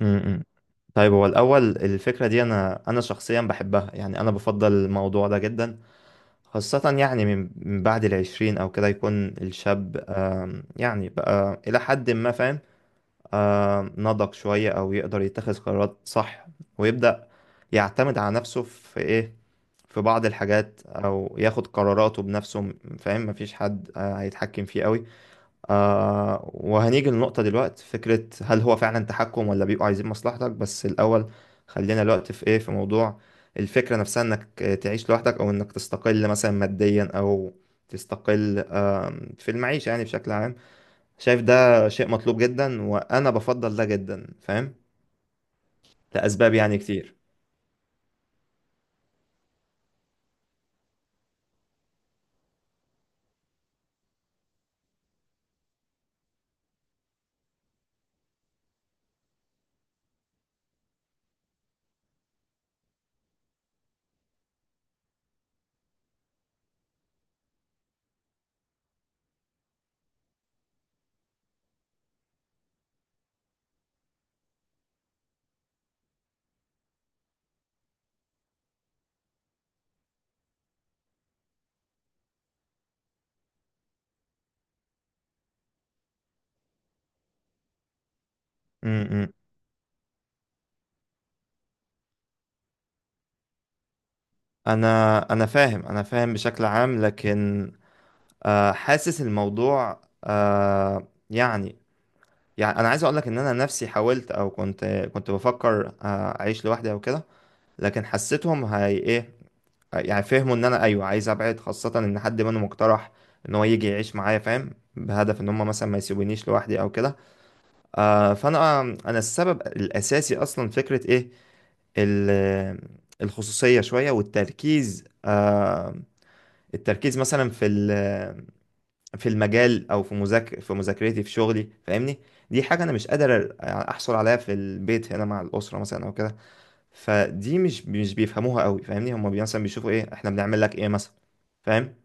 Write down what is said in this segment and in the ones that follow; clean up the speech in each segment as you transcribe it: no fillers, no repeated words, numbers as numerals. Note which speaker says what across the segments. Speaker 1: امم امم. طيب، هو الأول الفكرة دي أنا شخصيا بحبها، يعني أنا بفضل الموضوع ده جدا. خاصة يعني من بعد العشرين أو كده، يكون الشاب يعني بقى إلى حد ما فاهم، نضج شوية أو يقدر يتخذ قرارات صح. ويبدأ يعتمد على نفسه في بعض الحاجات، أو ياخد قراراته بنفسه. فاهم؟ مفيش حد هيتحكم فيه قوي. وهنيجي للنقطة دلوقتي، فكرة هل هو فعلا تحكم ولا بيبقوا عايزين مصلحتك بس؟ الأول خلينا الوقت في موضوع الفكرة نفسها، إنك تعيش لوحدك أو إنك تستقل مثلا ماديا أو تستقل في المعيشة يعني بشكل عام. شايف ده شيء مطلوب جدا وأنا بفضل ده جدا، فاهم، لأسباب يعني كتير. م -م. أنا فاهم، أنا فاهم بشكل عام، لكن حاسس الموضوع يعني انا عايز اقول لك ان انا نفسي حاولت او كنت بفكر اعيش لوحدي او كده. لكن حسيتهم هي ايه، يعني فهموا ان انا ايوه عايز ابعد، خاصة ان حد منهم اقترح ان هو يجي يعيش معايا، فاهم، بهدف ان هم مثلا ما يسيبونيش لوحدي او كده. فانا السبب الاساسي اصلا فكرة ايه، ال- الخصوصية شوية، والتركيز التركيز مثلا في المجال، او في مذاكرتي، في شغلي. فاهمني؟ دي حاجه انا مش قادر احصل عليها في البيت هنا مع الاسره مثلا او كده. فدي مش بيفهموها قوي، فاهمني؟ هم مثلا بيشوفوا ايه، احنا بنعمل لك ايه مثلا. فاهم؟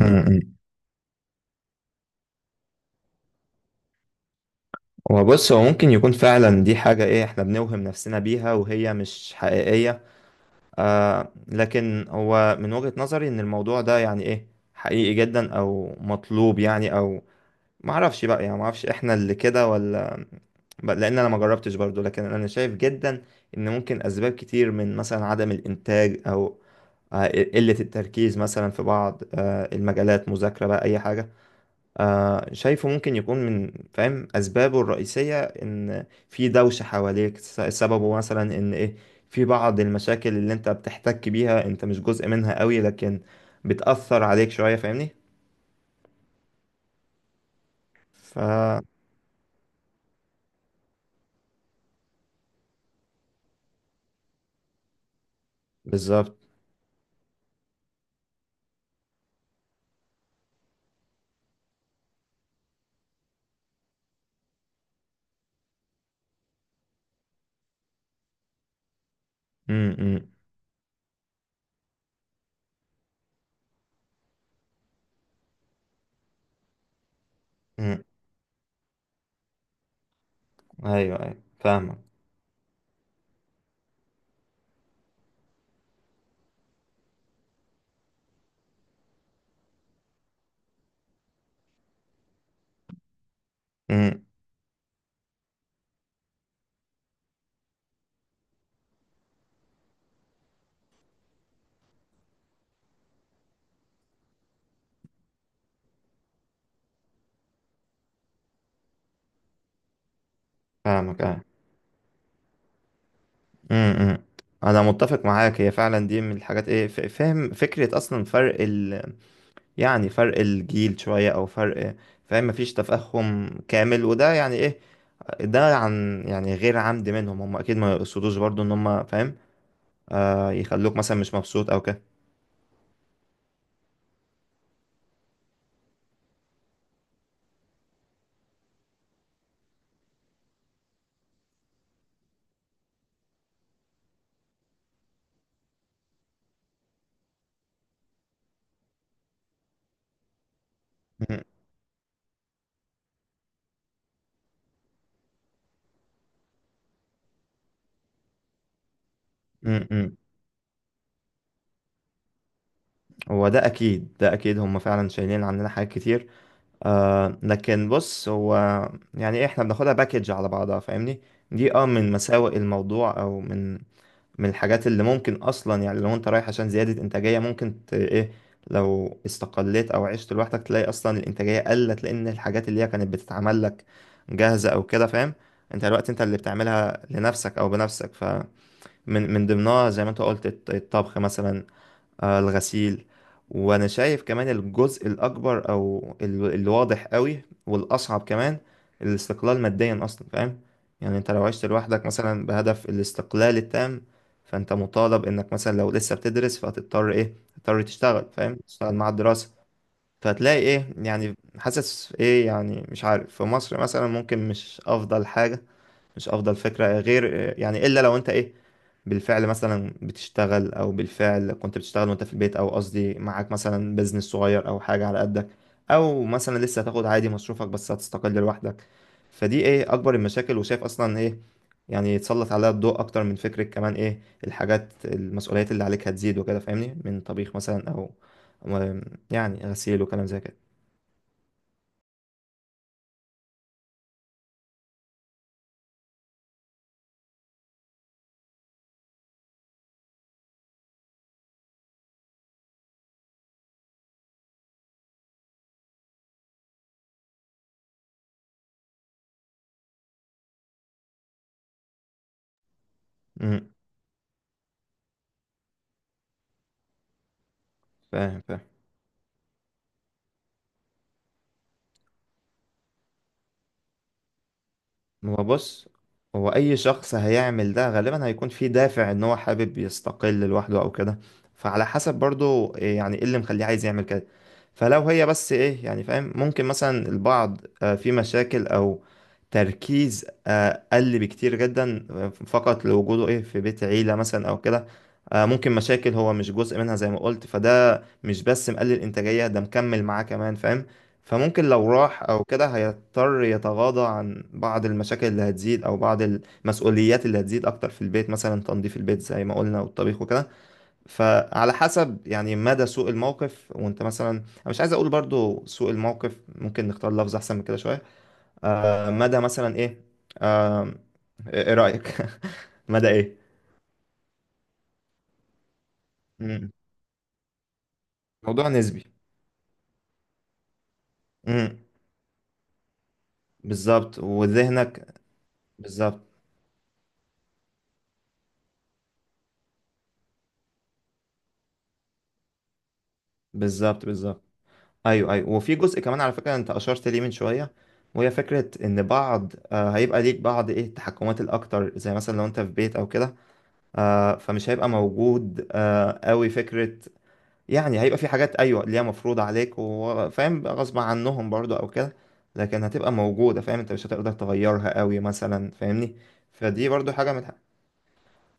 Speaker 1: امم هو بص، هو ممكن يكون فعلا دي حاجة ايه، احنا بنوهم نفسنا بيها وهي مش حقيقية. لكن هو من وجهة نظري ان الموضوع ده يعني ايه، حقيقي جدا او مطلوب يعني، او ما اعرفش بقى، يعني ما اعرفش احنا اللي كده، ولا لان انا ما جربتش برضو. لكن انا شايف جدا ان ممكن اسباب كتير، من مثلا عدم الانتاج، او قلة التركيز مثلا في بعض المجالات، مذاكرة بقى اي حاجة. شايفه ممكن يكون من، فاهم، اسبابه الرئيسية ان في دوشة حواليك. سببه مثلا ان ايه، في بعض المشاكل اللي انت بتحتك بيها، انت مش جزء منها قوي، لكن بتأثر عليك شوية. فاهمني؟ ف بالظبط. م- م- م. ايوه، ايوه، فاهمك. امم فاهمك، ايوه. امم، إمم. انا متفق معاك، هي فعلا دي من الحاجات ايه، فاهم فكرة اصلا فرق يعني فرق الجيل شوية او فرق، فاهم، مفيش تفاهم كامل. وده يعني ايه، ده عن يعني غير عمد منهم، هم اكيد ما يقصدوش برضو ان هم، فاهم، يخلوك مثلا مش مبسوط او كده. أمم، أمم، أمم. هو ده اكيد، ده اكيد هم فعلا شايلين عننا حاجات كتير. لكن بص، هو يعني احنا بناخدها باكج على بعضها. فاهمني؟ دي من مساوئ الموضوع، او من الحاجات اللي ممكن اصلا، يعني لو انت رايح عشان زيادة انتاجية، ممكن ت... ايه لو استقليت او عشت لوحدك، تلاقي اصلا الانتاجية قلت، لان الحاجات اللي هي كانت بتتعمل لك جاهزة او كده، فاهم. انت الوقت انت اللي بتعملها لنفسك او بنفسك، فمن ضمنها زي ما انت قلت، الطبخ مثلا، الغسيل. وانا شايف كمان الجزء الاكبر، او الواضح قوي والاصعب كمان، الاستقلال ماديا اصلا، فاهم. يعني انت لو عشت لوحدك مثلا بهدف الاستقلال التام، فانت مطالب انك مثلا لو لسه بتدرس، فهتضطر ايه، تضطر تشتغل، فاهم، تشتغل مع الدراسة. فهتلاقي ايه، يعني حاسس ايه، يعني مش عارف، في مصر مثلا ممكن مش افضل حاجة، مش افضل فكرة، غير يعني الا لو انت ايه، بالفعل مثلا بتشتغل، او بالفعل كنت بتشتغل وانت في البيت، او قصدي معاك مثلا بيزنس صغير او حاجة على قدك، او مثلا لسه هتاخد عادي مصروفك بس هتستقل لوحدك. فدي ايه اكبر المشاكل، وشايف اصلا ايه يعني يتسلط عليها الضوء اكتر من فكرة كمان ايه، الحاجات، المسؤوليات اللي عليك هتزيد وكده، فاهمني، من طبيخ مثلا، او و- يعني غسيل وكلام زي كده. امم فاهم، فاهم. هو بص، هو اي شخص هيعمل ده غالبا هيكون فيه دافع ان هو حابب يستقل لوحده او كده. فعلى حسب برضو إيه، يعني ايه اللي مخليه عايز يعمل كده. فلو هي بس ايه، يعني فاهم، ممكن مثلا البعض في مشاكل او تركيز قل بكتير جدا فقط لوجوده ايه في بيت عيلة مثلا او كده. ممكن مشاكل هو مش جزء منها زي ما قلت، فده مش بس مقلل انتاجية، ده مكمل معاه كمان، فاهم. فممكن لو راح او كده، هيضطر يتغاضى عن بعض المشاكل اللي هتزيد، او بعض المسؤوليات اللي هتزيد اكتر في البيت، مثلا تنظيف البيت زي ما قلنا، والطبيخ وكده. فعلى حسب يعني مدى سوء الموقف. وانت مثلا، انا مش عايز اقول برضو سوء الموقف، ممكن نختار لفظ احسن من كده شوية. مدى مثلا ايه، آم، ايه رأيك؟ مدى ايه؟ مم. موضوع نسبي. امم. بالظبط، وذهنك. بالظبط. بالظبط. بالظبط. ايوه، ايوه، وفي جزء كمان على فكره انت اشرت ليه من شويه، وهي فكره ان بعض هيبقى ليك بعض ايه التحكمات الاكتر، زي مثلا لو انت في بيت او كده. فمش هيبقى موجود قوي فكره. يعني هيبقى في حاجات، ايوه، اللي هي مفروض عليك، وفاهم بقى غصب عنهم برضو او كده، لكن هتبقى موجوده، فاهم، انت مش هتقدر تغيرها قوي مثلا، فاهمني. فدي برضو حاجه من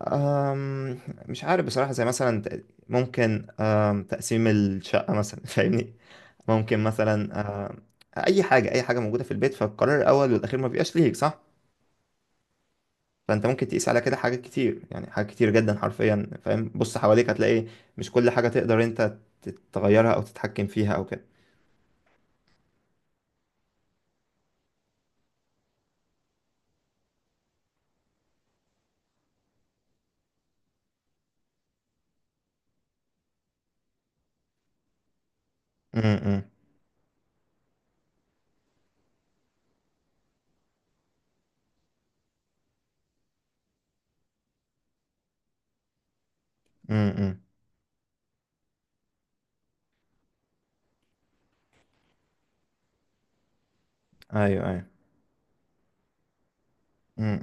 Speaker 1: آم، مش عارف بصراحه، زي مثلا ت- ممكن آم، تقسيم الشقه مثلا. فاهمني؟ ممكن مثلا اي حاجه، اي حاجه موجوده في البيت، فالقرار الاول والاخير ما بيبقاش ليك. صح؟ فانت ممكن تقيس على كده حاجات كتير، يعني حاجات كتير جدا حرفيا، فاهم. بص حواليك، هتلاقي مش كل حاجه تقدر انت تغيرها او تتحكم فيها او كده. امم، امم، امم، ايوه، ايوه.